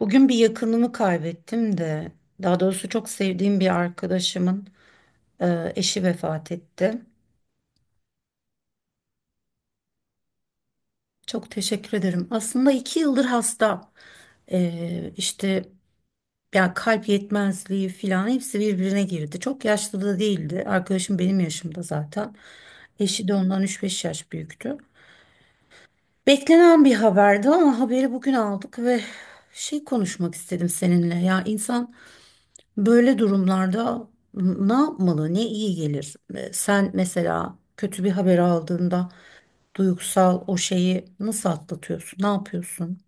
Bugün bir yakınımı kaybettim de, daha doğrusu çok sevdiğim bir arkadaşımın eşi vefat etti. Çok teşekkür ederim. Aslında iki yıldır hasta. E, işte ya kalp yetmezliği falan hepsi birbirine girdi. Çok yaşlı da değildi. Arkadaşım benim yaşımda zaten. Eşi de ondan 3-5 yaş büyüktü. Beklenen bir haberdi ama haberi bugün aldık ve konuşmak istedim seninle. Ya insan böyle durumlarda ne yapmalı, ne iyi gelir? Sen mesela kötü bir haber aldığında duygusal o şeyi nasıl atlatıyorsun? Ne yapıyorsun?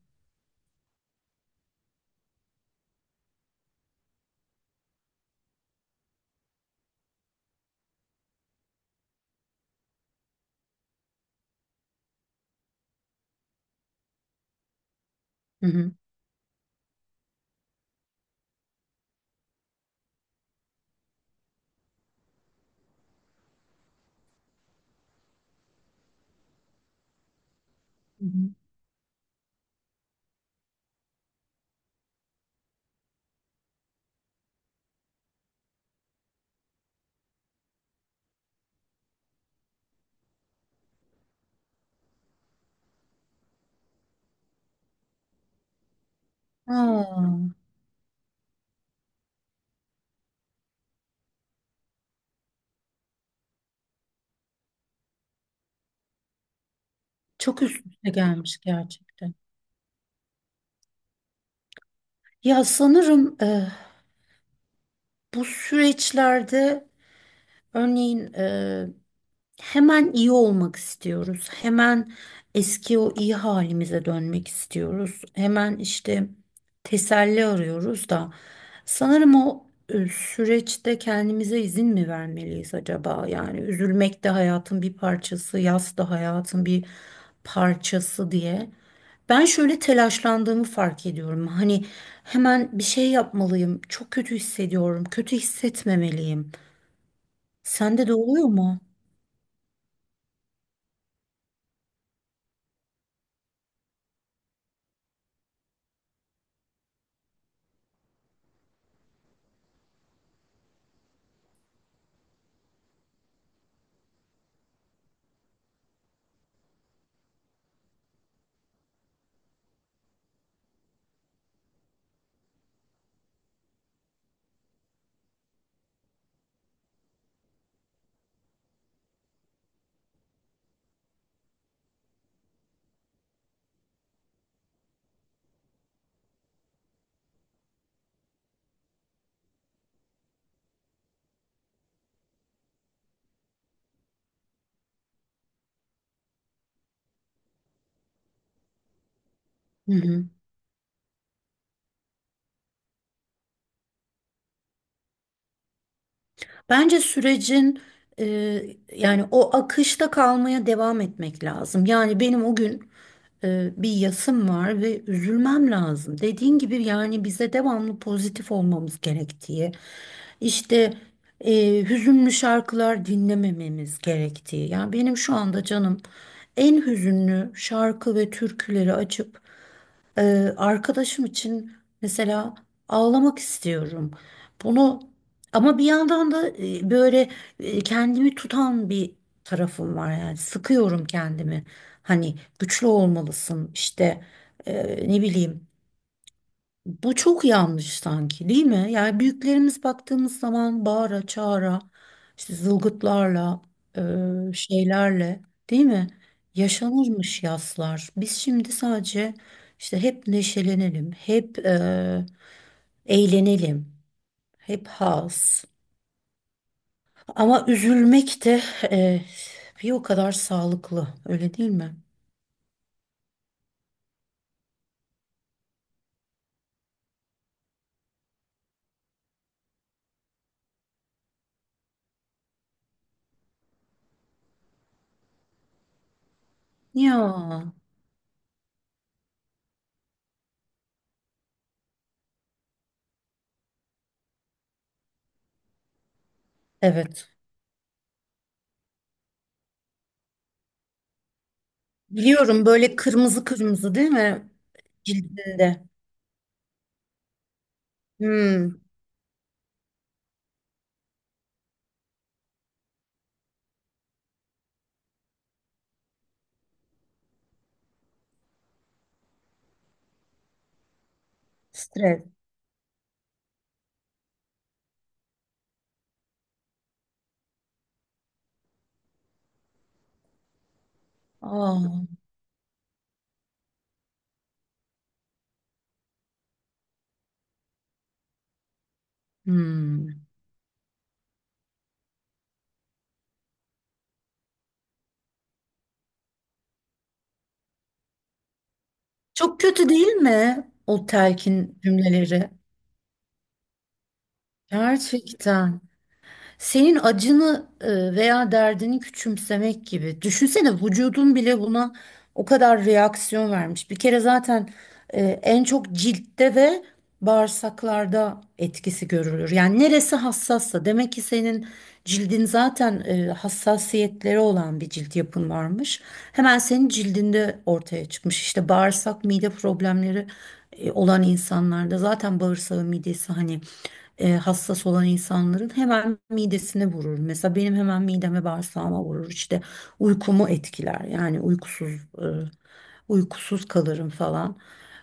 Hı hı. Hı hı. Aa, çok üst üste gelmiş gerçekten. Ya sanırım bu süreçlerde örneğin hemen iyi olmak istiyoruz. Hemen eski o iyi halimize dönmek istiyoruz. Hemen işte teselli arıyoruz da. Sanırım o süreçte kendimize izin mi vermeliyiz acaba? Yani üzülmek de hayatın bir parçası, yas da hayatın bir parçası diye. Ben şöyle telaşlandığımı fark ediyorum. Hani hemen bir şey yapmalıyım. Çok kötü hissediyorum. Kötü hissetmemeliyim. Sende de oluyor mu? Hı hı. Bence sürecin e, yani o akışta kalmaya devam etmek lazım. Yani benim o gün bir yasım var ve üzülmem lazım. Dediğin gibi yani bize devamlı pozitif olmamız gerektiği, işte hüzünlü şarkılar dinlemememiz gerektiği. Yani benim şu anda canım en hüzünlü şarkı ve türküleri açıp e, arkadaşım için mesela ağlamak istiyorum. Bunu ama bir yandan da böyle kendimi tutan bir tarafım var yani sıkıyorum kendimi. Hani güçlü olmalısın işte ne bileyim. Bu çok yanlış sanki değil mi? Yani büyüklerimiz baktığımız zaman bağıra çağıra işte zılgıtlarla şeylerle değil mi? Yaşanırmış yaslar. Biz şimdi sadece işte hep neşelenelim, hep eğlenelim, hep haz. Ama üzülmek de eh, bir o kadar sağlıklı, öyle değil mi? Ya, evet. Biliyorum böyle kırmızı kırmızı değil mi? Cildinde. Hmm, stres. Aa, hmm. Çok kötü değil mi o telkin cümleleri? Gerçekten. Senin acını veya derdini küçümsemek gibi. Düşünsene vücudun bile buna o kadar reaksiyon vermiş. Bir kere zaten en çok ciltte ve bağırsaklarda etkisi görülür. Yani neresi hassassa demek ki senin cildin zaten hassasiyetleri olan bir cilt yapın varmış. Hemen senin cildinde ortaya çıkmış. İşte bağırsak, mide problemleri olan insanlarda zaten bağırsağı, midesi hani hassas olan insanların hemen midesine vurur. Mesela benim hemen mideme bağırsağıma vurur. İşte uykumu etkiler. Yani e, uykusuz kalırım falan.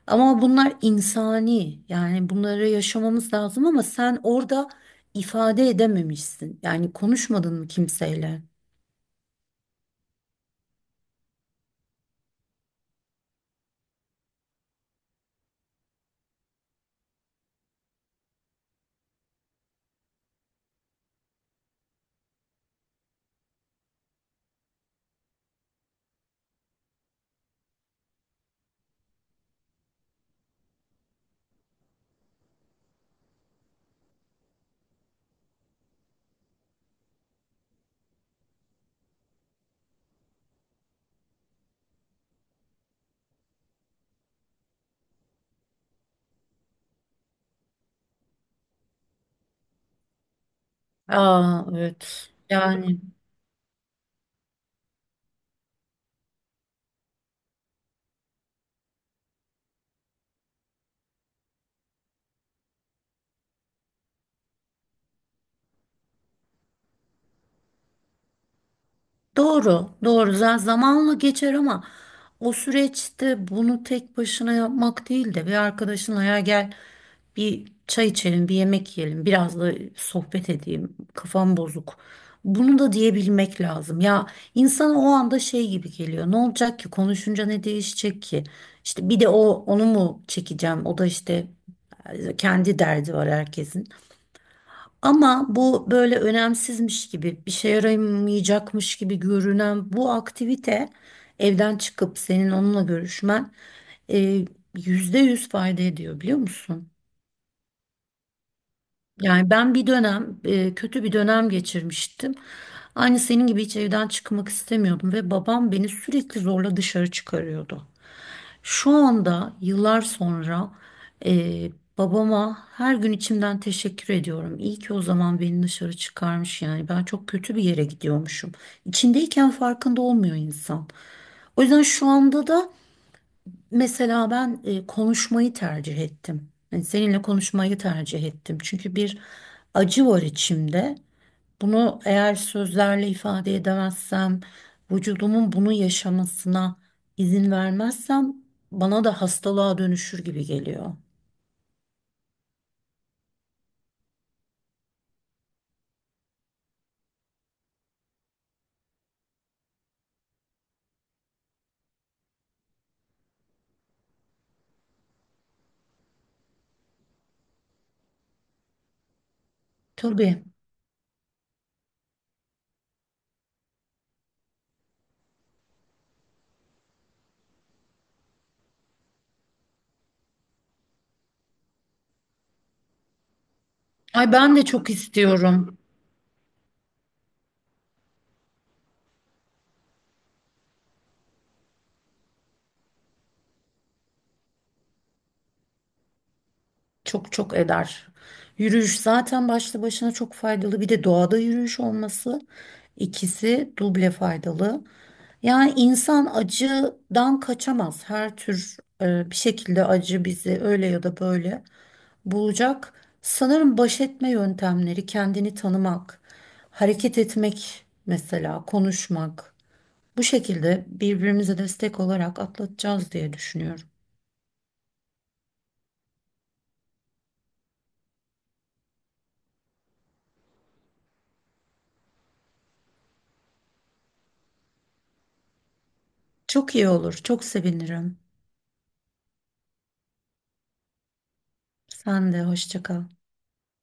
Ama bunlar insani. Yani bunları yaşamamız lazım ama sen orada ifade edememişsin. Yani konuşmadın mı kimseyle? Aa, evet. Yani. Doğru, doğru. Zamanla geçer ama o süreçte bunu tek başına yapmak değil de bir arkadaşınla ya gel bir çay içelim, bir yemek yiyelim, biraz da sohbet edeyim, kafam bozuk. Bunu da diyebilmek lazım. Ya insana o anda şey gibi geliyor. Ne olacak ki? Konuşunca ne değişecek ki? İşte bir de onu mu çekeceğim? O da işte kendi derdi var herkesin. Ama bu böyle önemsizmiş gibi, bir şey yaramayacakmış gibi görünen bu aktivite, evden çıkıp senin onunla görüşmen e, %100 fayda ediyor biliyor musun? Yani ben bir dönem kötü bir dönem geçirmiştim. Aynı senin gibi hiç evden çıkmak istemiyordum ve babam beni sürekli zorla dışarı çıkarıyordu. Şu anda yıllar sonra e, babama her gün içimden teşekkür ediyorum. İyi ki o zaman beni dışarı çıkarmış, yani ben çok kötü bir yere gidiyormuşum. İçindeyken farkında olmuyor insan. O yüzden şu anda da mesela ben konuşmayı tercih ettim. Yani seninle konuşmayı tercih ettim. Çünkü bir acı var içimde. Bunu eğer sözlerle ifade edemezsem, vücudumun bunu yaşamasına izin vermezsem bana da hastalığa dönüşür gibi geliyor. Tabii. Ay ben de çok istiyorum. Çok çok eder. Yürüyüş zaten başlı başına çok faydalı. Bir de doğada yürüyüş olması, ikisi duble faydalı. Yani insan acıdan kaçamaz. Her tür bir şekilde acı bizi öyle ya da böyle bulacak. Sanırım baş etme yöntemleri kendini tanımak, hareket etmek mesela, konuşmak. Bu şekilde birbirimize destek olarak atlatacağız diye düşünüyorum. Çok iyi olur, çok sevinirim. Sen de hoşça kal.